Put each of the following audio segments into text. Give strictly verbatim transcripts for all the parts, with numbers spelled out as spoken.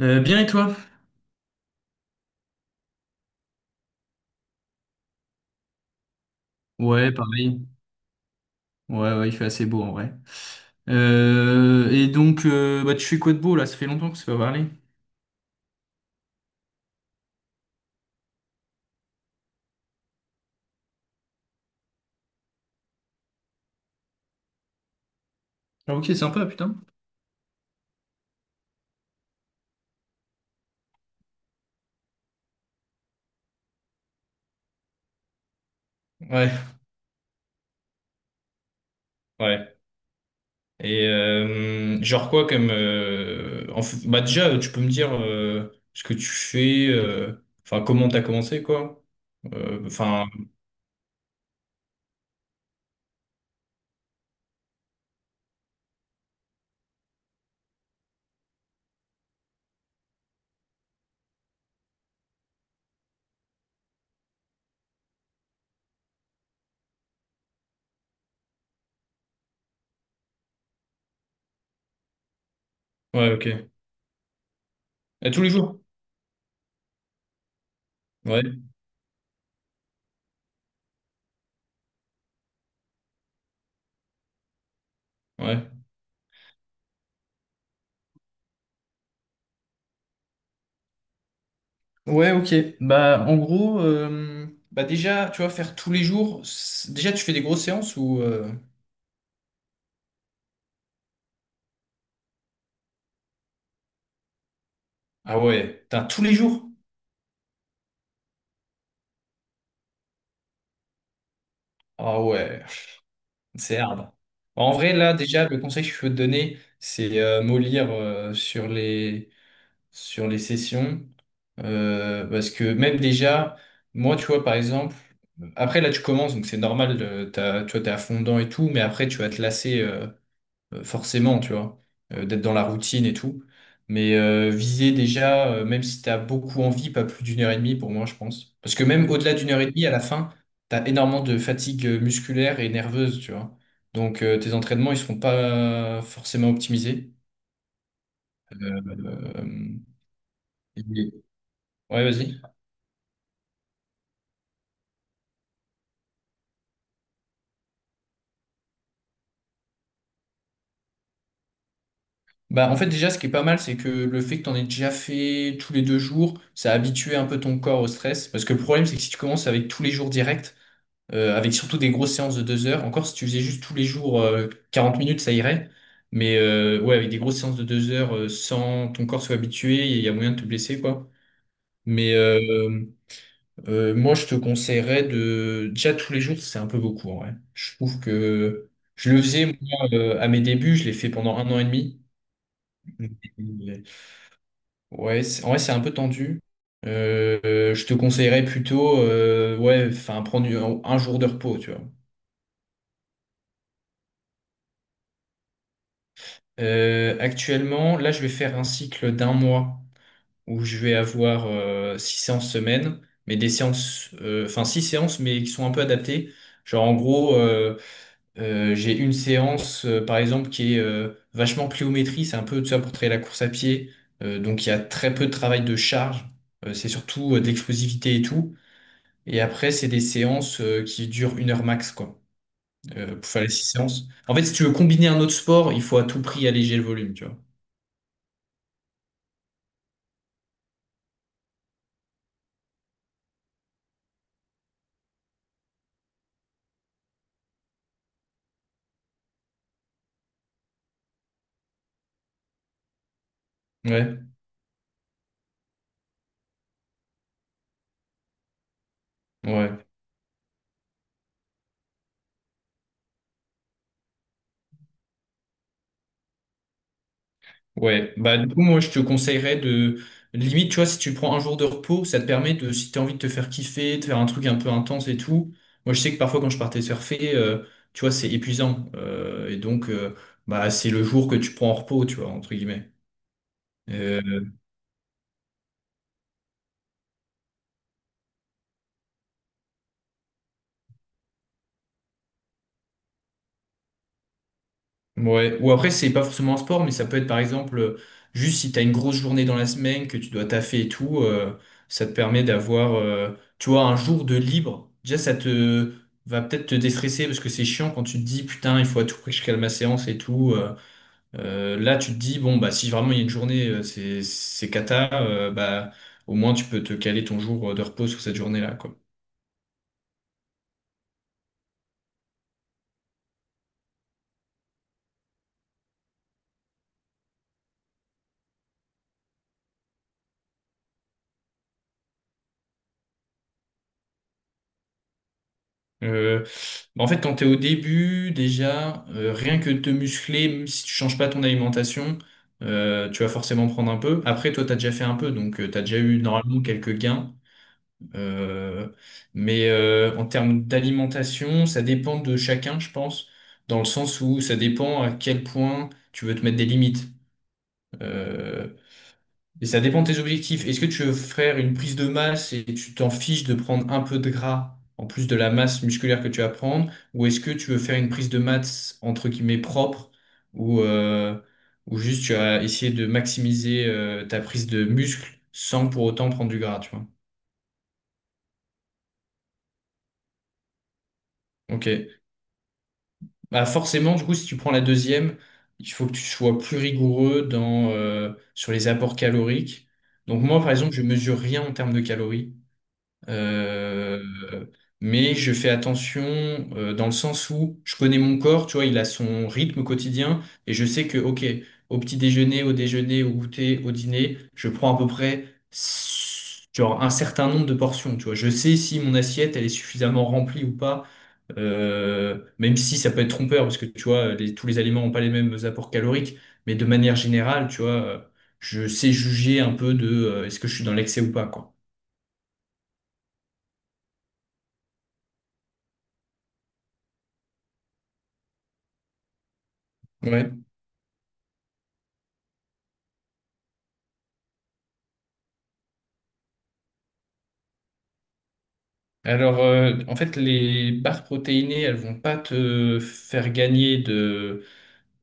Euh, bien et toi? Ouais, pareil. Ouais, ouais, il fait assez beau en vrai. Euh, et donc, euh, bah, tu fais quoi de beau là? Ça fait longtemps qu'on s'est pas parlé. Ah, ok, sympa, putain. Ouais, ouais. Et euh, genre quoi comme euh, en f- bah déjà tu peux me dire euh, ce que tu fais, euh, enfin comment t'as commencé quoi. Euh, Enfin ouais, ok. Et tous les jours. Ouais, ouais. Ouais, ok. Bah en gros, euh, bah déjà tu vois, faire tous les jours, c- déjà tu fais des grosses séances ou euh, ah ouais, t'as tous les jours? Ah ouais, c'est hard. Bah, En vrai, là, déjà, le conseil que je peux te donner, c'est euh, mollir euh, sur les, sur les sessions. Euh, parce que même déjà, moi, tu vois, par exemple, après, là, tu commences, donc c'est normal, euh, t'as- tu vois, t'es à fond dedans et tout, mais après, tu vas te lasser. Euh, euh, forcément, tu vois, euh, d'être dans la routine et tout. Mais euh, viser déjà, euh, même si t'as beaucoup envie, pas plus d'une heure et demie pour moi, je pense. Parce que même au-delà d'une heure et demie, à la fin, t'as énormément de fatigue euh, musculaire et nerveuse, tu vois. Donc euh, tes entraînements, ils seront pas forcément optimisés. Euh, euh, et- ouais, vas-y. Bah, en fait, déjà, ce qui est pas mal, c'est que le fait que t'en aies déjà fait tous les deux jours, ça a habitué un peu ton corps au stress. Parce que le problème, c'est que si tu commences avec tous les jours directs, euh, avec surtout des grosses séances de deux heures. Encore, si tu faisais juste tous les jours euh, quarante minutes, ça irait. Mais euh, ouais, avec des grosses séances de deux heures, euh, sans ton corps soit habitué, il y a moyen de te blesser, quoi. Mais euh, euh, Moi, je te conseillerais de... Déjà, tous les jours, c'est un peu beaucoup, en vrai. Je trouve que je le faisais, moi, euh, à mes débuts, je l'ai fait pendant un an et demi. Ouais, c'est- en vrai, c'est un peu tendu. Euh, euh, je te conseillerais plutôt, euh, ouais, enfin, prendre un un jour de repos, tu vois. Euh, actuellement, là, je vais faire un cycle d'un mois où je vais avoir euh, six séances semaine, mais des séances, euh, enfin six séances, mais qui sont un peu adaptées. Genre, en gros, euh, euh, j'ai une séance, euh, par exemple, qui est euh, vachement pliométrie, c'est un peu tout ça pour travailler la course à pied. Euh, donc, il y a très peu de travail de charge, Euh, c'est surtout euh, de l'explosivité et tout. Et après, c'est des séances euh, qui durent une heure max, quoi, euh, pour faire les six séances. En fait, si tu veux combiner un autre sport, il faut à tout prix alléger le volume, tu vois. Ouais. Ouais, ouais. Bah, du coup, moi, je te conseillerais de. Limite, tu vois, si tu prends un jour de repos, ça te permet de, si t'as envie de te faire kiffer, de faire un truc un peu intense et tout. Moi, je sais que parfois, quand je partais surfer, euh, tu vois, c'est épuisant. Euh, et donc, euh, bah, c'est le jour que tu prends en repos, tu vois, entre guillemets. Euh, Ouais, ou après, c'est pas forcément un sport, mais ça peut être par exemple, euh, juste si t'as une grosse journée dans la semaine, que tu dois taffer et tout, euh, ça te permet d'avoir, euh, tu vois, un jour de libre. Déjà, ça te va peut-être te déstresser parce que c'est chiant quand tu te dis, putain, il faut à tout prix que je cale ma séance et tout. Euh, euh, là, tu te dis, bon, bah, si vraiment il y a une journée, euh, c'est, c'est cata, euh, bah, au moins tu peux te caler ton jour euh, de repos sur cette journée-là, quoi. Euh, Bah, En fait, quand tu es au début, déjà, euh, rien que de te muscler, même si tu changes pas ton alimentation, euh, tu vas forcément prendre un peu. Après, toi, tu as déjà fait un peu, donc tu as déjà eu normalement quelques gains. Euh, mais euh, En termes d'alimentation, ça dépend de chacun, je pense, dans le sens où ça dépend à quel point tu veux te mettre des limites. Euh, et ça dépend de tes objectifs. Est-ce que tu veux faire une prise de masse et tu t'en fiches de prendre un peu de gras en plus de la masse musculaire que tu vas prendre? Ou est-ce que tu veux faire une prise de masse entre guillemets propre ou, euh, ou juste tu vas essayer de maximiser euh, ta prise de muscle sans pour autant prendre du gras, tu vois? Ok. Bah forcément, du coup, si tu prends la deuxième, il faut que tu sois plus rigoureux dans, euh, sur les apports caloriques. Donc moi, par exemple, je mesure rien en termes de calories. Euh, mais je fais attention euh, dans le sens où je connais mon corps, tu vois, il a son rythme quotidien et je sais que, ok, au petit déjeuner, au déjeuner, au goûter, au dîner, je prends à peu près s- genre un certain nombre de portions, tu vois. Je sais si mon assiette, elle est suffisamment remplie ou pas, euh, même si ça peut être trompeur parce que, tu vois, les- tous les aliments n'ont pas les mêmes apports caloriques, mais de manière générale, tu vois, euh, je sais juger un peu de euh, est-ce que je suis dans l'excès ou pas, quoi. Ouais. Alors, euh, en fait, les barres protéinées, elles vont pas te faire gagner de,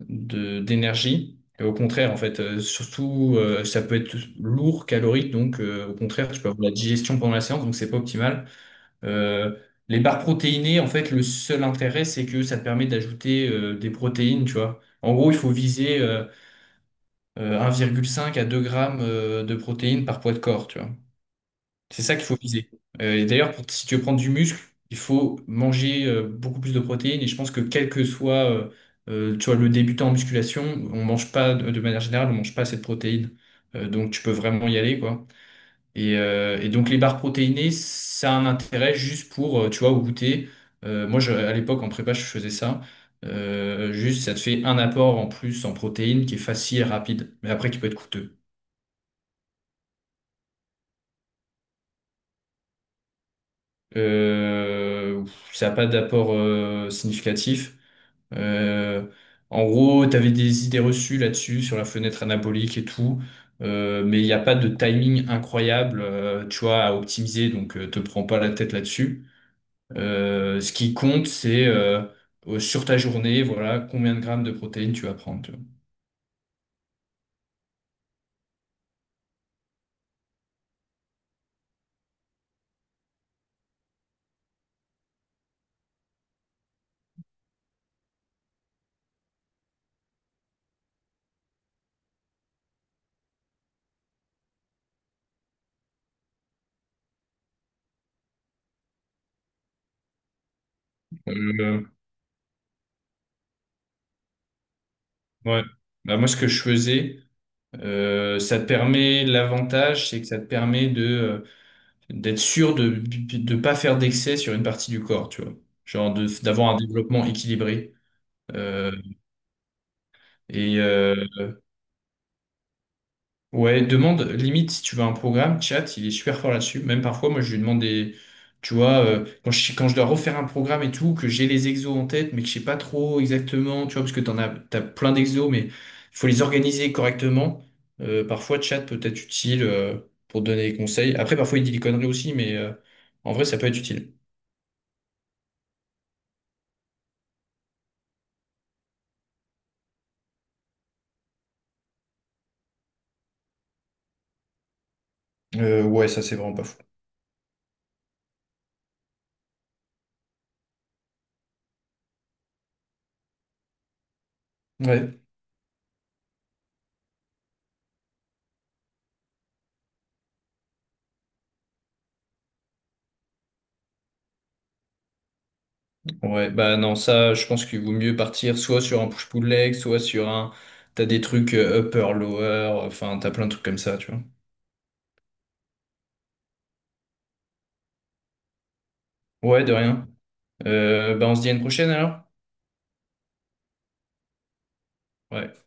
de- d'énergie. Et Au contraire, en fait, euh, surtout, euh, ça peut être lourd, calorique, donc euh, au contraire, tu peux avoir la digestion pendant la séance, donc c'est pas optimal. Euh, les barres protéinées, en fait, le seul intérêt, c'est que ça te permet d'ajouter euh, des protéines, tu vois. En gros, il faut viser euh, euh, un virgule cinq à deux grammes euh, de protéines par poids de corps, tu vois. C'est ça qu'il faut viser. Euh, et d'ailleurs, pour- si tu veux prendre du muscle, il faut manger euh, beaucoup plus de protéines. Et je pense que quel que soit euh, euh, tu vois, le débutant en musculation, on mange pas, de de manière générale, on mange pas assez de protéines. Euh, donc tu peux vraiment y aller, quoi. Et, euh, et donc les barres protéinées, ça a un intérêt juste pour, euh, tu vois, au goûter. Euh, moi, je- à l'époque, en prépa, je faisais ça. Euh, juste, ça te fait un apport en plus en protéines qui est facile et rapide, mais après qui peut être coûteux. Euh, Ça n'a pas d'apport euh, significatif. Euh, En gros, tu avais des idées reçues là-dessus, sur la fenêtre anabolique et tout, euh, mais il n'y a pas de timing incroyable, euh, tu vois, à optimiser, donc euh, te prends pas la tête là-dessus. Euh, ce qui compte, c'est euh, euh, sur ta journée, voilà, combien de grammes de protéines tu vas prendre, tu vois. Euh, ouais. Bah, moi, ce que je faisais, euh, ça te permet, l'avantage, c'est que ça te permet de... euh, d'être sûr de de pas faire d'excès sur une partie du corps, tu vois. Genre de d'avoir un développement équilibré. Euh, et euh, ouais, demande limite si tu veux un programme, chat, il est super fort là-dessus. Même parfois, moi, je lui demande des, tu vois, euh, quand je, quand je dois refaire un programme et tout, que j'ai les exos en tête, mais que je sais pas trop exactement, tu vois, parce que t'en as, t'as plein d'exos, mais il faut les organiser correctement. Euh, parfois, chat peut être utile euh, pour donner des conseils. Après, parfois, il dit des conneries aussi, mais euh, en vrai, ça peut être utile. Euh, ouais, ça, c'est vraiment pas fou. Ouais, ouais, bah non, ça, je pense qu'il vaut mieux partir soit sur un push-pull leg, soit sur un. T'as des trucs euh, upper, lower, enfin, t'as plein de trucs comme ça, tu vois. Ouais, de rien. Euh, bah, on se dit à une prochaine alors? Ouais.